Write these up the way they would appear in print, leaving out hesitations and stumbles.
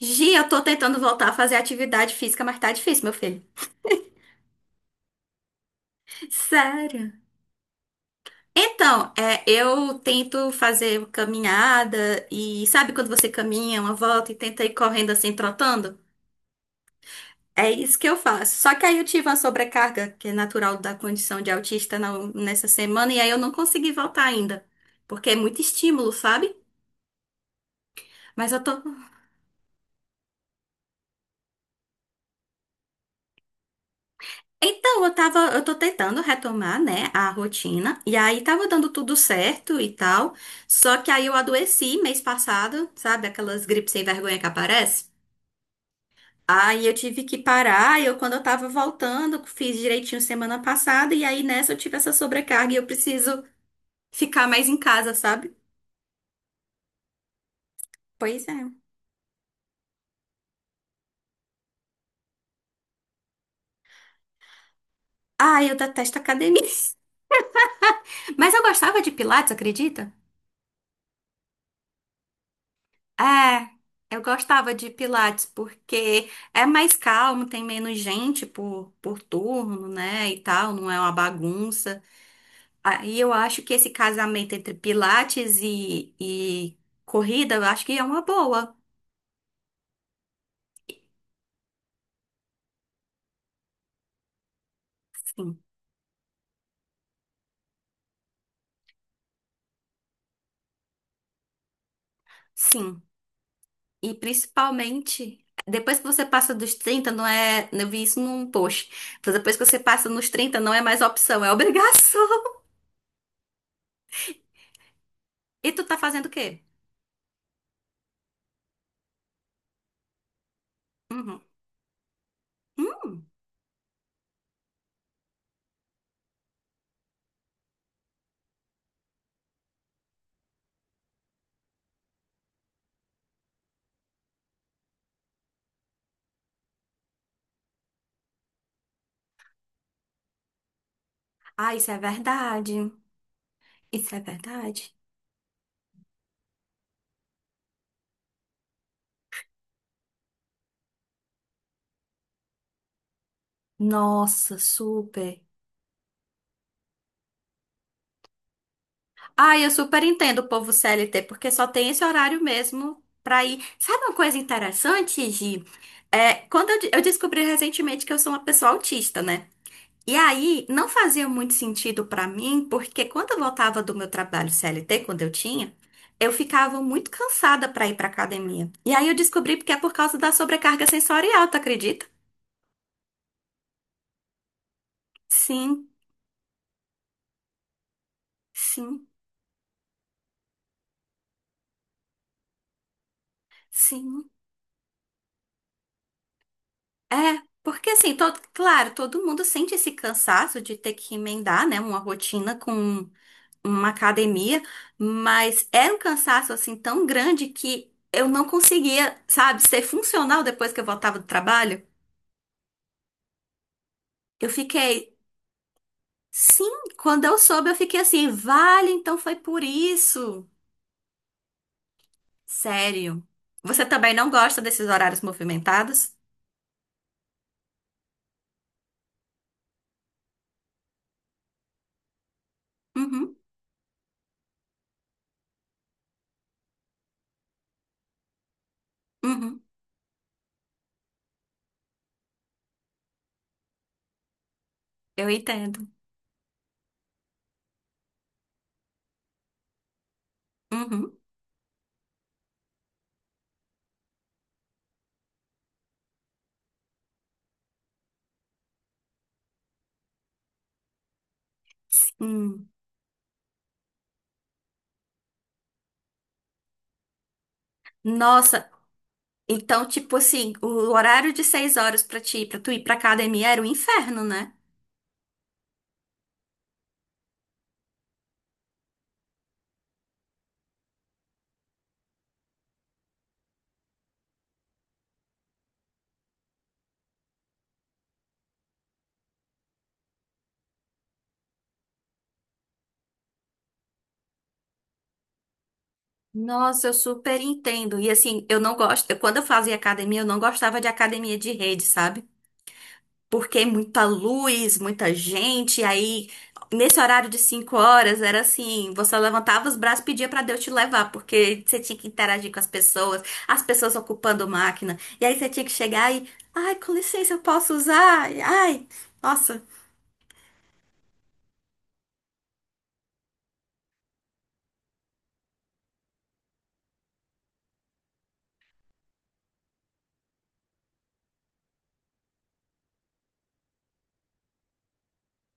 Gi, eu tô tentando voltar a fazer atividade física, mas tá difícil, meu filho. Sério? Então, é, eu tento fazer caminhada e sabe quando você caminha uma volta e tenta ir correndo assim, trotando? É isso que eu faço. Só que aí eu tive uma sobrecarga, que é natural da condição de autista nessa semana, e aí eu não consegui voltar ainda. Porque é muito estímulo, sabe? Mas eu tô. Então, eu tô tentando retomar, né, a rotina, e aí tava dando tudo certo e tal, só que aí eu adoeci mês passado, sabe, aquelas gripes sem vergonha que aparece? Aí eu tive que parar, e eu quando eu tava voltando, fiz direitinho semana passada, e aí nessa eu tive essa sobrecarga e eu preciso ficar mais em casa, sabe? Pois é. Ah, eu detesto academia. Mas eu gostava de pilates, acredita? É, eu gostava de Pilates porque é mais calmo, tem menos gente por turno, né, e tal, não é uma bagunça. Aí eu acho que esse casamento entre Pilates e corrida, eu acho que é uma boa. Sim, sim. E principalmente, depois que você passa dos 30, não é. Eu vi isso num post. Depois que você passa nos 30, não é mais opção, é obrigação. E tu tá fazendo o quê? Uhum. Hum. Ah, isso é verdade. Isso é verdade? Nossa, super. Ah, eu super entendo o povo CLT, porque só tem esse horário mesmo pra ir. Sabe uma coisa interessante, Gi? É, quando eu descobri recentemente que eu sou uma pessoa autista, né? E aí, não fazia muito sentido pra mim, porque quando eu voltava do meu trabalho CLT, quando eu tinha, eu ficava muito cansada pra ir pra academia. E aí eu descobri porque é por causa da sobrecarga sensorial, tu acredita? Sim, sim, sim. É, porque assim, todo, claro, todo mundo sente esse cansaço de ter que emendar, né, uma rotina com uma academia, mas era um cansaço assim tão grande que eu não conseguia, sabe, ser funcional depois que eu voltava do trabalho. Eu fiquei, sim, quando eu soube, eu fiquei assim, vale, então foi por isso. Sério. Você também não gosta desses horários movimentados? Uhum, uhum, eu entendo. Uhum, sim. Nossa, então, tipo assim, o horário de 6h pra tu ir pra academia era um inferno, né? Nossa, eu super entendo. E assim, eu não gosto. Quando eu fazia academia, eu não gostava de academia de rede, sabe? Porque muita luz, muita gente. Aí, nesse horário de 5h, era assim: você levantava os braços e pedia pra Deus te levar, porque você tinha que interagir com as pessoas ocupando máquina. E aí você tinha que chegar e, ai, com licença, eu posso usar? Ai, nossa.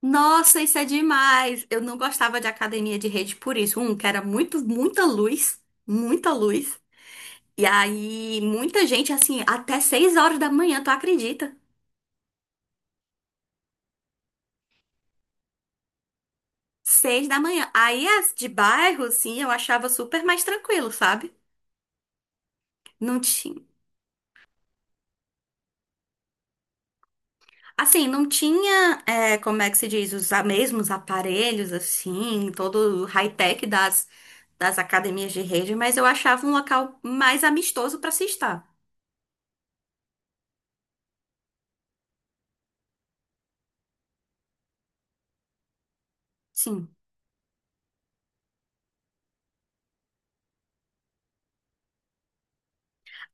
Nossa, isso é demais! Eu não gostava de academia de rede por isso. Um, que era muito, muita luz, muita luz. E aí, muita gente, assim, até 6h da manhã, tu acredita? 6 da manhã. Aí, as de bairro, sim, eu achava super mais tranquilo, sabe? Não tinha. Assim, não tinha, é, como é que se diz, os mesmos aparelhos, assim, todo o high-tech das academias de rede, mas eu achava um local mais amistoso pra se estar. Sim.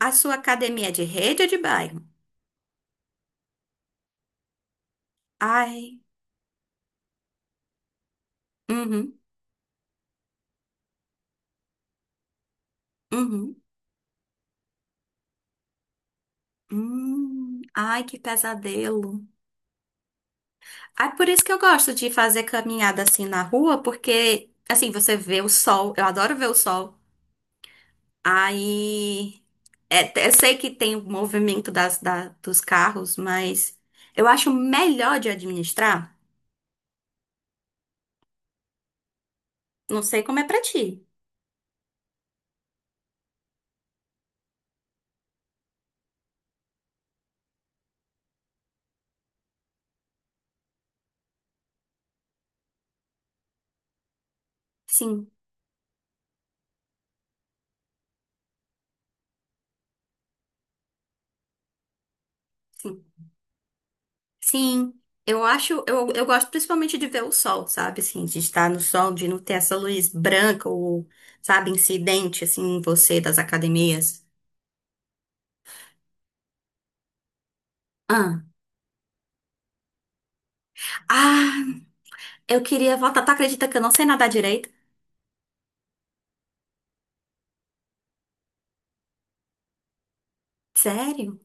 A sua academia é de rede ou de bairro? Ai, uhum, uhum, ai, que pesadelo. Ai, por isso que eu gosto de fazer caminhada assim na rua, porque assim você vê o sol. Eu adoro ver o sol. Aí, é, eu sei que tem o movimento dos carros, mas eu acho melhor de administrar. Não sei como é pra ti. Sim, sim. Sim, eu gosto principalmente de ver o sol, sabe? Assim, de estar no sol, de não ter essa luz branca ou, sabe, incidente, assim, em você das academias. Ah, ah, eu queria voltar. Tu acredita que eu não sei nadar direito? Sério?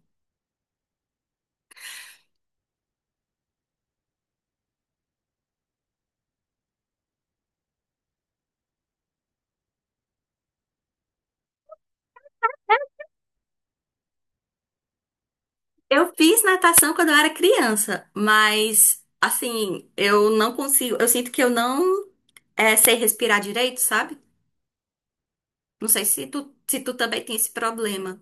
Eu fiz natação quando eu era criança, mas, assim, eu não consigo. Eu sinto que eu não sei respirar direito, sabe? Não sei se tu também tem esse problema.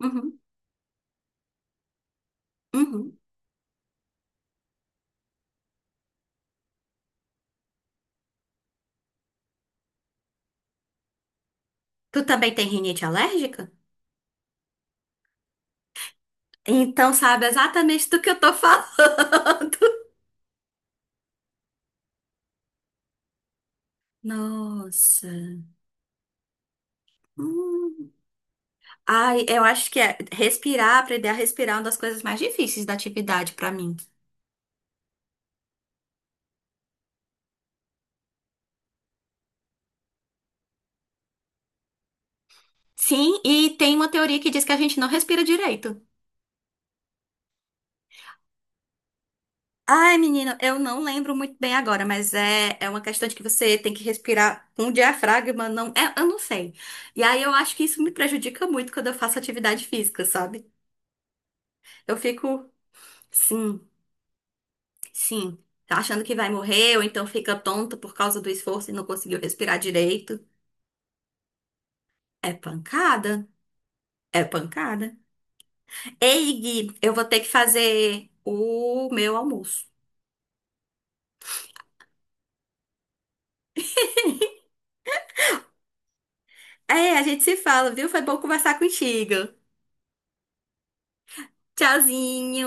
Uhum, uhum. Tu também tem rinite alérgica? Então sabe exatamente do que eu tô falando. Nossa. Hum. Ai, eu acho que é respirar, aprender a respirar é uma das coisas mais difíceis da atividade pra mim. Sim, e tem uma teoria que diz que a gente não respira direito. Ai, menina, eu não lembro muito bem agora, mas é uma questão de que você tem que respirar com o diafragma, não, eu não sei. E aí eu acho que isso me prejudica muito quando eu faço atividade física, sabe? Eu fico, sim. Sim, tá achando que vai morrer ou então fica tonta por causa do esforço e não conseguiu respirar direito. É pancada, é pancada. Ei, Gui, eu vou ter que fazer o meu almoço. É, a gente se fala, viu? Foi bom conversar contigo. Tchauzinho.